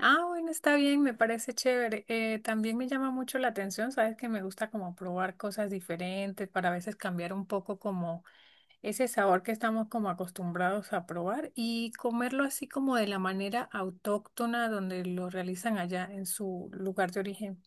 Ah, bueno, está bien, me parece chévere. También me llama mucho la atención, sabes que me gusta como probar cosas diferentes para a veces cambiar un poco como ese sabor que estamos como acostumbrados a probar y comerlo así como de la manera autóctona donde lo realizan allá en su lugar de origen.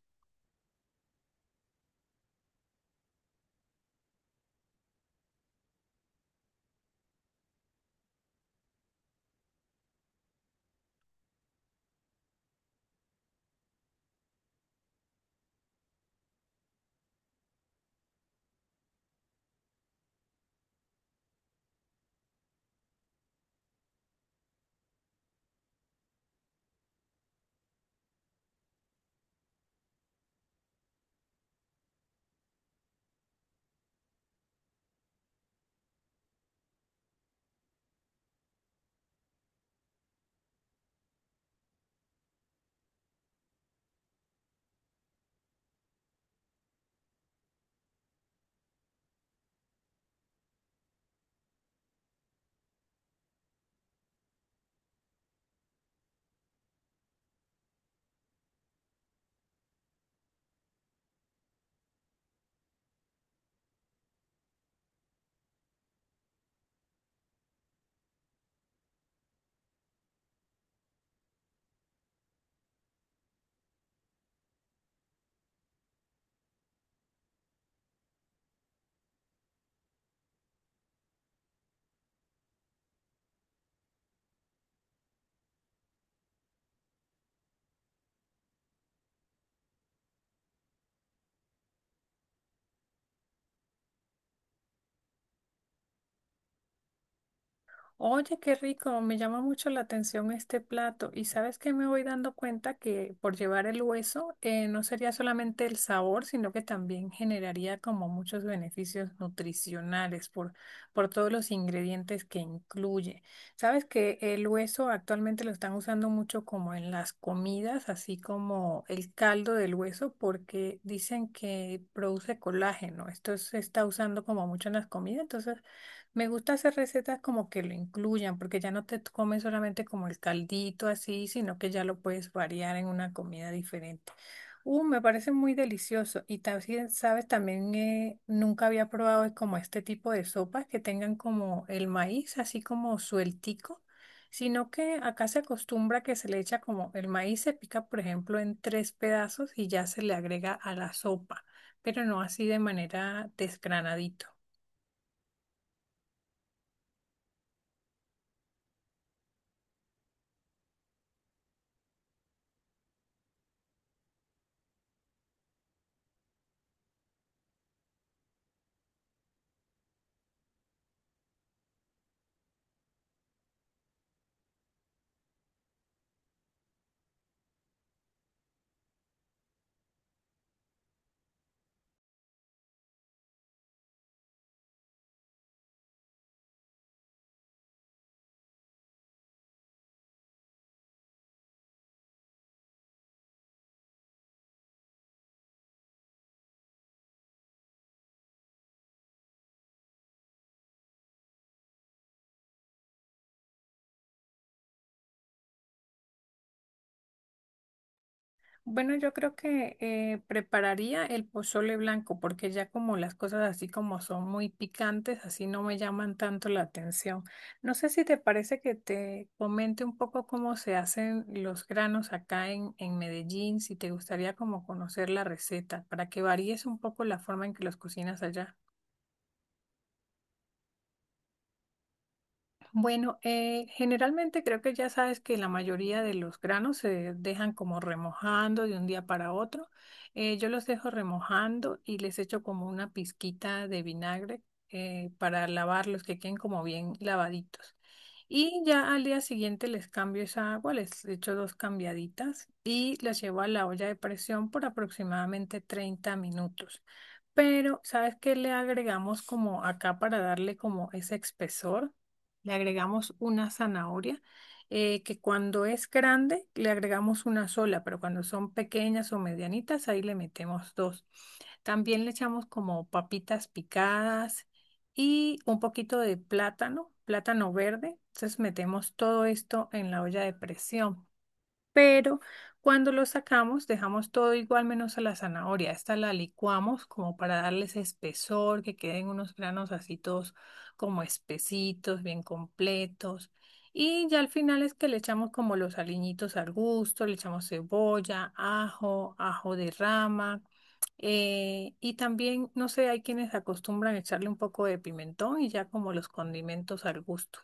Oye, qué rico, me llama mucho la atención este plato. Y sabes que me voy dando cuenta que por llevar el hueso no sería solamente el sabor, sino que también generaría como muchos beneficios nutricionales por todos los ingredientes que incluye. Sabes que el hueso actualmente lo están usando mucho como en las comidas, así como el caldo del hueso, porque dicen que produce colágeno. Esto se está usando como mucho en las comidas, entonces. Me gusta hacer recetas como que lo incluyan, porque ya no te comes solamente como el caldito así, sino que ya lo puedes variar en una comida diferente. Me parece muy delicioso. Y también, sabes, también nunca había probado como este tipo de sopas que tengan como el maíz así como sueltico, sino que acá se acostumbra que se le echa como el maíz se pica, por ejemplo, en tres pedazos y ya se le agrega a la sopa, pero no así de manera desgranadito. Bueno, yo creo que prepararía el pozole blanco porque ya como las cosas así como son muy picantes, así no me llaman tanto la atención. No sé si te parece que te comente un poco cómo se hacen los granos acá en Medellín, si te gustaría como conocer la receta, para que varíes un poco la forma en que los cocinas allá. Bueno, generalmente creo que ya sabes que la mayoría de los granos se dejan como remojando de un día para otro. Yo los dejo remojando y les echo como una pizquita de vinagre para lavarlos, que queden como bien lavaditos. Y ya al día siguiente les cambio esa agua, les echo dos cambiaditas y las llevo a la olla de presión por aproximadamente 30 minutos. Pero, ¿sabes qué le agregamos como acá para darle como ese espesor? Le agregamos una zanahoria, que cuando es grande le agregamos una sola, pero cuando son pequeñas o medianitas, ahí le metemos dos. También le echamos como papitas picadas y un poquito de plátano, plátano verde. Entonces metemos todo esto en la olla de presión pero cuando lo sacamos dejamos todo igual menos a la zanahoria. Esta la licuamos como para darles espesor, que queden unos granos así todos como espesitos, bien completos. Y ya al final es que le echamos como los aliñitos al gusto, le echamos cebolla, ajo, ajo de rama. Y también, no sé, hay quienes acostumbran a echarle un poco de pimentón y ya como los condimentos al gusto.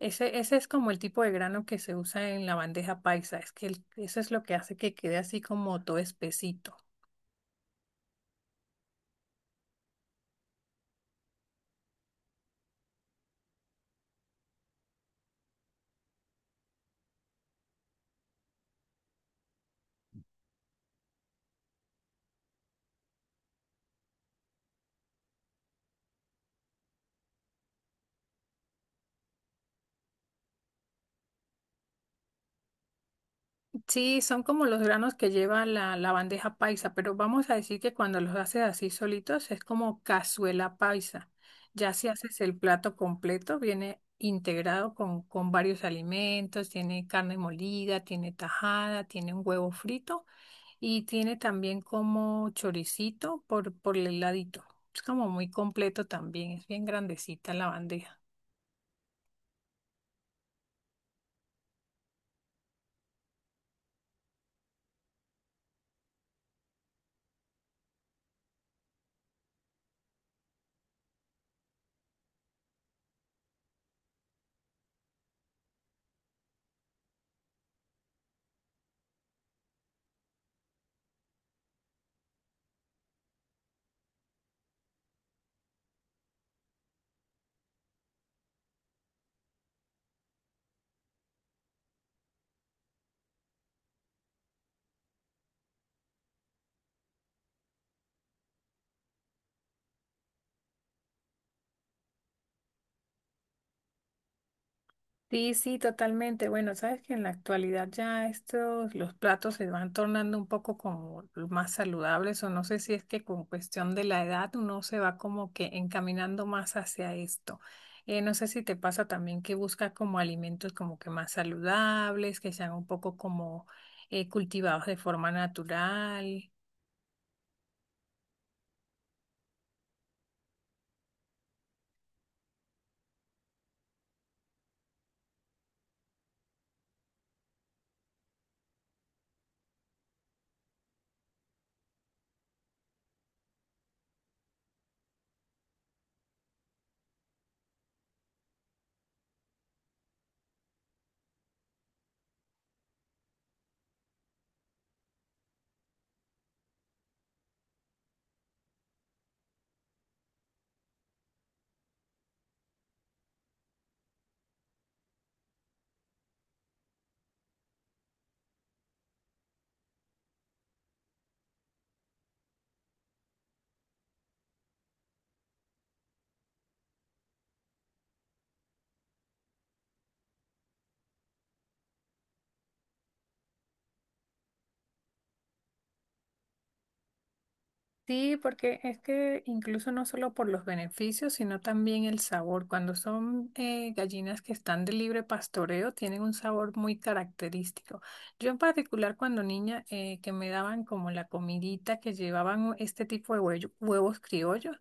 Ese es como el tipo de grano que se usa en la bandeja paisa, es que eso es lo que hace que quede así como todo espesito. Sí, son como los granos que lleva la bandeja paisa, pero vamos a decir que cuando los haces así solitos es como cazuela paisa. Ya si haces el plato completo, viene integrado con varios alimentos, tiene carne molida, tiene tajada, tiene un huevo frito. Y tiene también como choricito por el ladito. Es como muy completo también, es bien grandecita la bandeja. Sí, sí, totalmente. Bueno, sabes que en la actualidad ya estos, los platos se van tornando un poco como más saludables, o no sé si es que con cuestión de la edad uno se va como que encaminando más hacia esto. No sé si te pasa también que buscas como alimentos como que más saludables, que sean un poco como cultivados de forma natural. Sí, porque es que incluso no solo por los beneficios, sino también el sabor. Cuando son gallinas que están de libre pastoreo, tienen un sabor muy característico. Yo en particular cuando niña, que me daban como la comidita que llevaban este tipo de huevos criollos,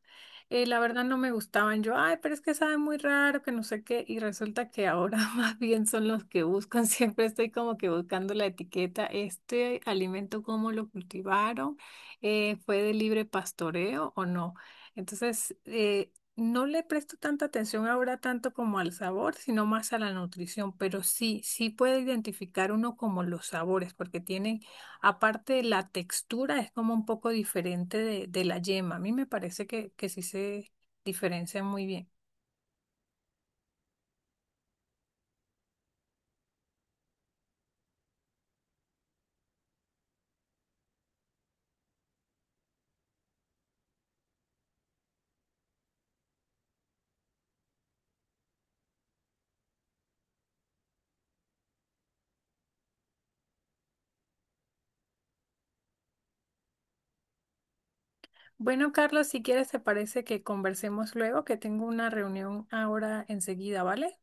la verdad no me gustaban. Yo, ay, pero es que saben muy raro, que no sé qué. Y resulta que ahora más bien son los que buscan. Siempre estoy como que buscando la etiqueta, este alimento, cómo lo cultivaron fue de libre pastoreo o no. Entonces, no le presto tanta atención ahora tanto como al sabor, sino más a la nutrición, pero sí, sí puede identificar uno como los sabores, porque tienen, aparte de la textura, es como un poco diferente de la yema. A mí me parece que sí se diferencian muy bien. Bueno, Carlos, si quieres, te parece que conversemos luego, que tengo una reunión ahora enseguida, ¿vale?